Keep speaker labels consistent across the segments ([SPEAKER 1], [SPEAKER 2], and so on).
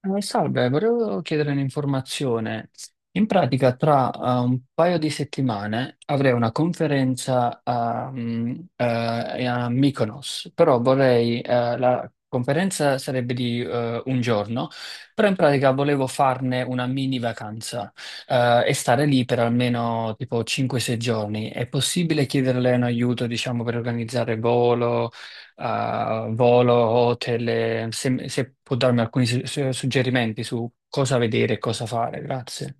[SPEAKER 1] Salve, volevo chiedere un'informazione. In pratica, tra un paio di settimane avrei una conferenza a Mykonos, però la conferenza sarebbe di un giorno, però in pratica volevo farne una mini vacanza e stare lì per almeno tipo 5-6 giorni. È possibile chiederle un aiuto, diciamo, per organizzare volo? A volo, hotel, se, se può darmi alcuni suggerimenti su cosa vedere e cosa fare, grazie.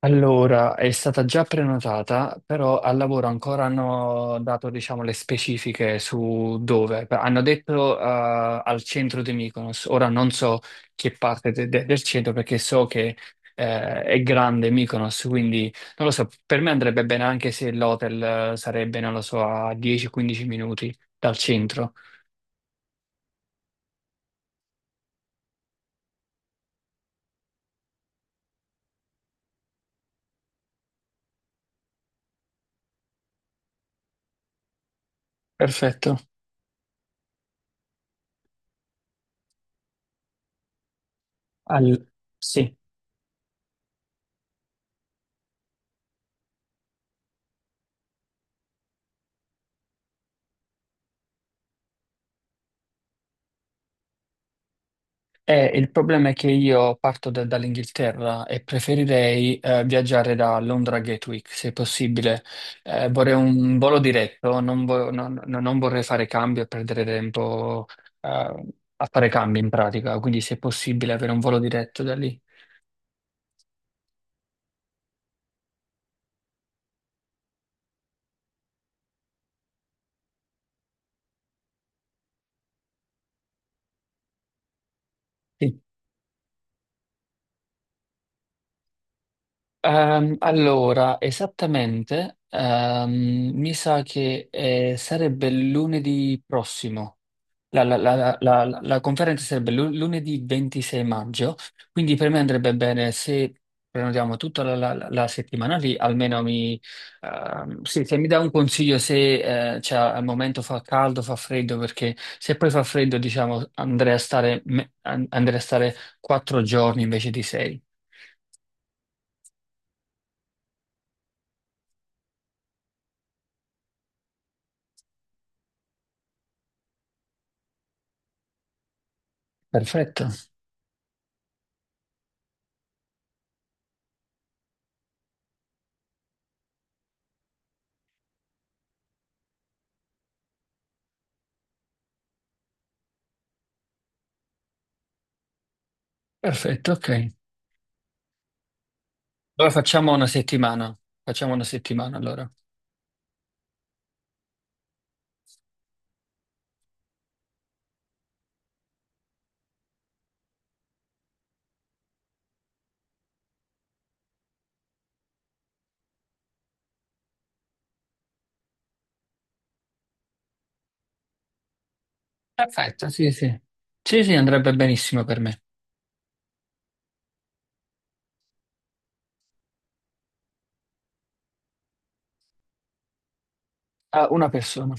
[SPEAKER 1] Allora, è stata già prenotata, però al lavoro ancora hanno dato, diciamo, le specifiche su dove. Hanno detto, al centro di Mykonos. Ora non so che parte del centro perché so che, è grande Mykonos, quindi non lo so. Per me andrebbe bene anche se l'hotel, non lo so, a 10-15 minuti dal centro. Perfetto. Al- Sì. Il problema è che io parto dall'Inghilterra e preferirei viaggiare da Londra a Gatwick, se possibile. Vorrei un volo diretto, non, vo- non- non non vorrei fare cambi e perdere tempo eh, a fare cambi in pratica, quindi se è possibile avere un volo diretto da lì. Sì. Allora, esattamente, mi sa che sarebbe lunedì prossimo. La conferenza sarebbe lunedì 26 maggio, quindi per me andrebbe bene se prenotiamo tutta la settimana lì, almeno mi, sì, se mi dà un consiglio se cioè, al momento fa caldo, fa freddo, perché se poi fa freddo, diciamo, andrei a stare 4 giorni invece di 6. Perfetto, perfetto, ok. Allora facciamo una settimana allora. Perfetto, sì, sì. Sì, sì, andrebbe benissimo per me. Ah, una persona.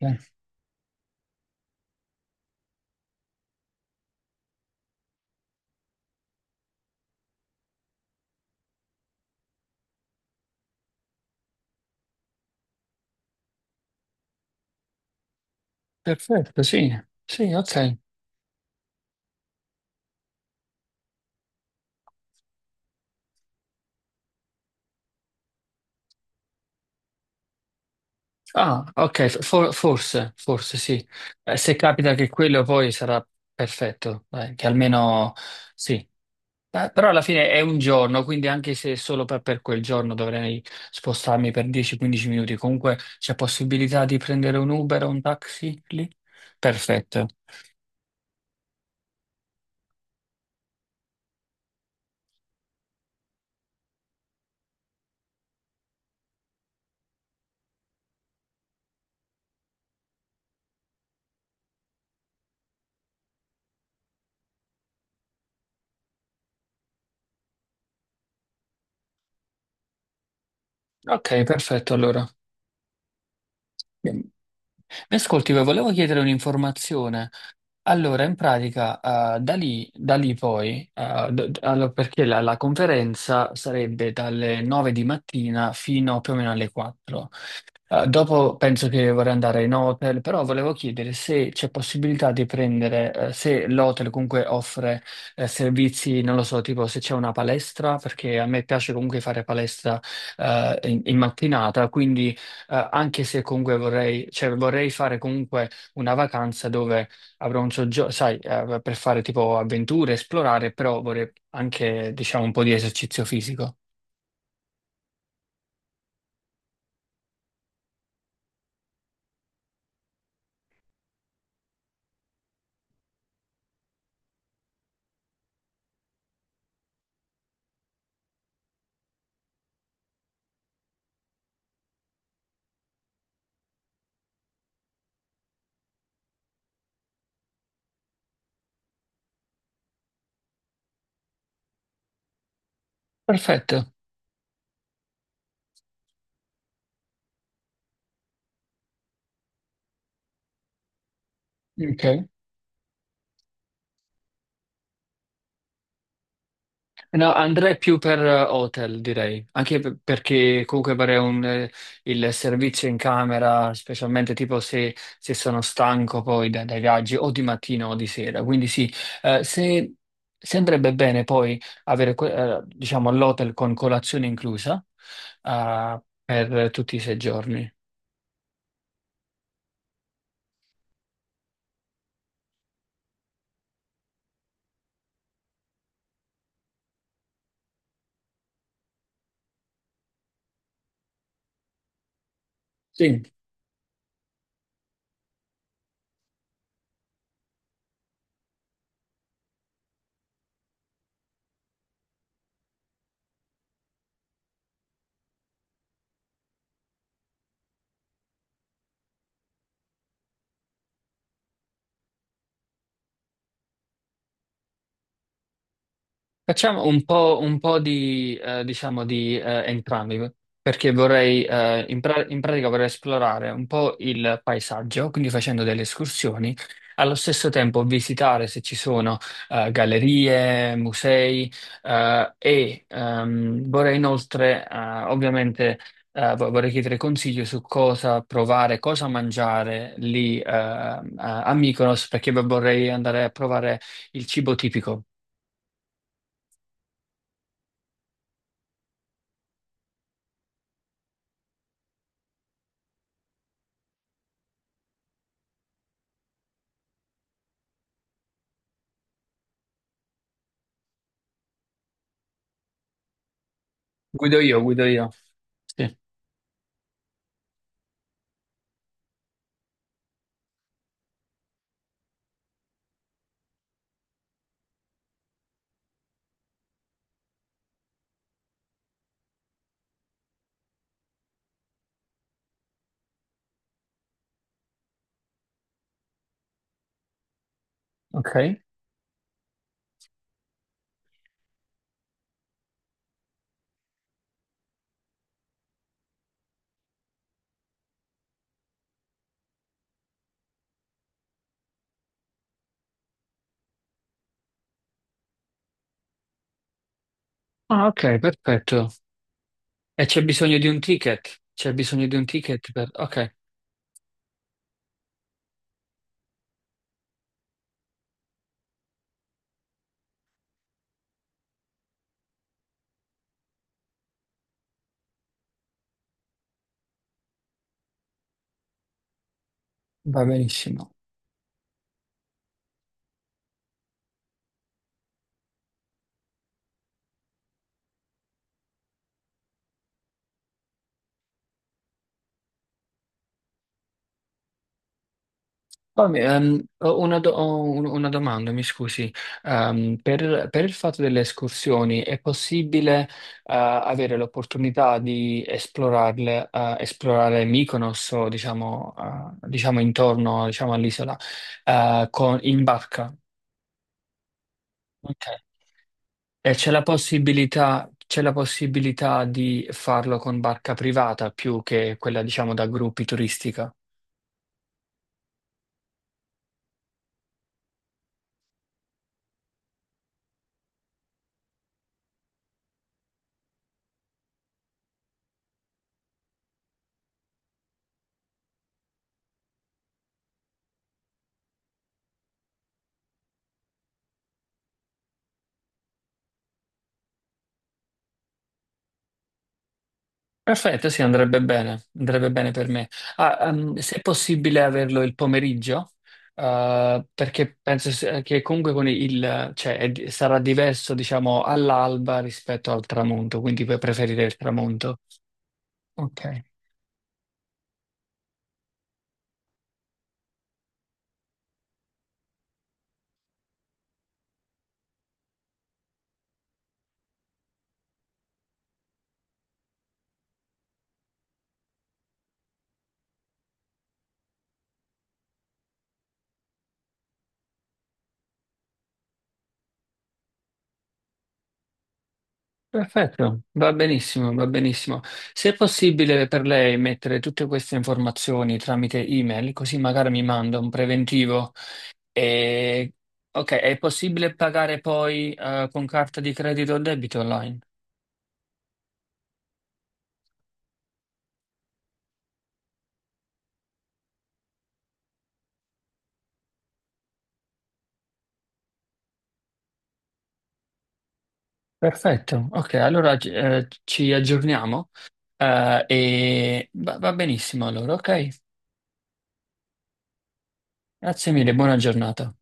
[SPEAKER 1] Ok. Perfetto, sì, sì, ok. Ah, ok, forse, forse sì. Se capita che quello poi sarà perfetto, dai, che almeno sì. Però alla fine è un giorno, quindi anche se solo per quel giorno dovrei spostarmi per 10-15 minuti, comunque c'è possibilità di prendere un Uber o un taxi lì? Perfetto. Ok, perfetto, allora. Mi ascolti, volevo chiedere un'informazione. Allora, in pratica, da lì poi, allora, perché la conferenza sarebbe dalle 9 di mattina fino più o meno alle 4. Dopo penso che vorrei andare in hotel, però volevo chiedere se c'è possibilità di prendere, se l'hotel comunque offre, servizi, non lo so, tipo se c'è una palestra, perché a me piace comunque fare palestra, in mattinata, quindi, anche se comunque vorrei fare comunque una vacanza dove avrò un soggiorno, sai, per fare tipo avventure, esplorare, però vorrei anche, diciamo, un po' di esercizio fisico. Perfetto. Ok. No, andrei più per hotel, direi, anche perché comunque vorrei un, il servizio in camera, specialmente tipo se, se sono stanco poi dai viaggi o di mattina o di sera. Quindi sì, eh, se, se andrebbe bene poi avere, diciamo, l'hotel con colazione inclusa, per tutti i 6 giorni. Sì. Facciamo un po' di, entrambi, perché vorrei, in pratica vorrei esplorare un po' il paesaggio, quindi facendo delle escursioni, allo stesso tempo visitare se ci sono gallerie, musei, vorrei inoltre, ovviamente, vorrei chiedere consigli su cosa provare, cosa mangiare lì a Mykonos, perché vorrei andare a provare il cibo tipico. Guido io. Sì. Ok? Ah, ok, perfetto. E c'è bisogno di un ticket? C'è bisogno di un ticket per... Ok, va benissimo. Poi, ho una domanda, mi scusi. Per il fatto delle escursioni, è possibile, avere l'opportunità di esplorarle, esplorare Mykonos o, diciamo, intorno, diciamo, all'isola, in barca? Ok. E c'è la possibilità di farlo con barca privata più che quella, diciamo, da gruppi turistica. Perfetto, sì, andrebbe bene per me. Se è possibile averlo il pomeriggio, perché penso che comunque con il, sarà diverso, diciamo, all'alba rispetto al tramonto, quindi puoi preferire il tramonto. Ok. Perfetto, va benissimo, va benissimo. Se è possibile per lei mettere tutte queste informazioni tramite email, così magari mi manda un preventivo. E... Ok, è possibile pagare poi con carta di credito o debito online? Perfetto, ok, allora ci aggiorniamo e va benissimo allora, ok? Grazie mille, buona giornata.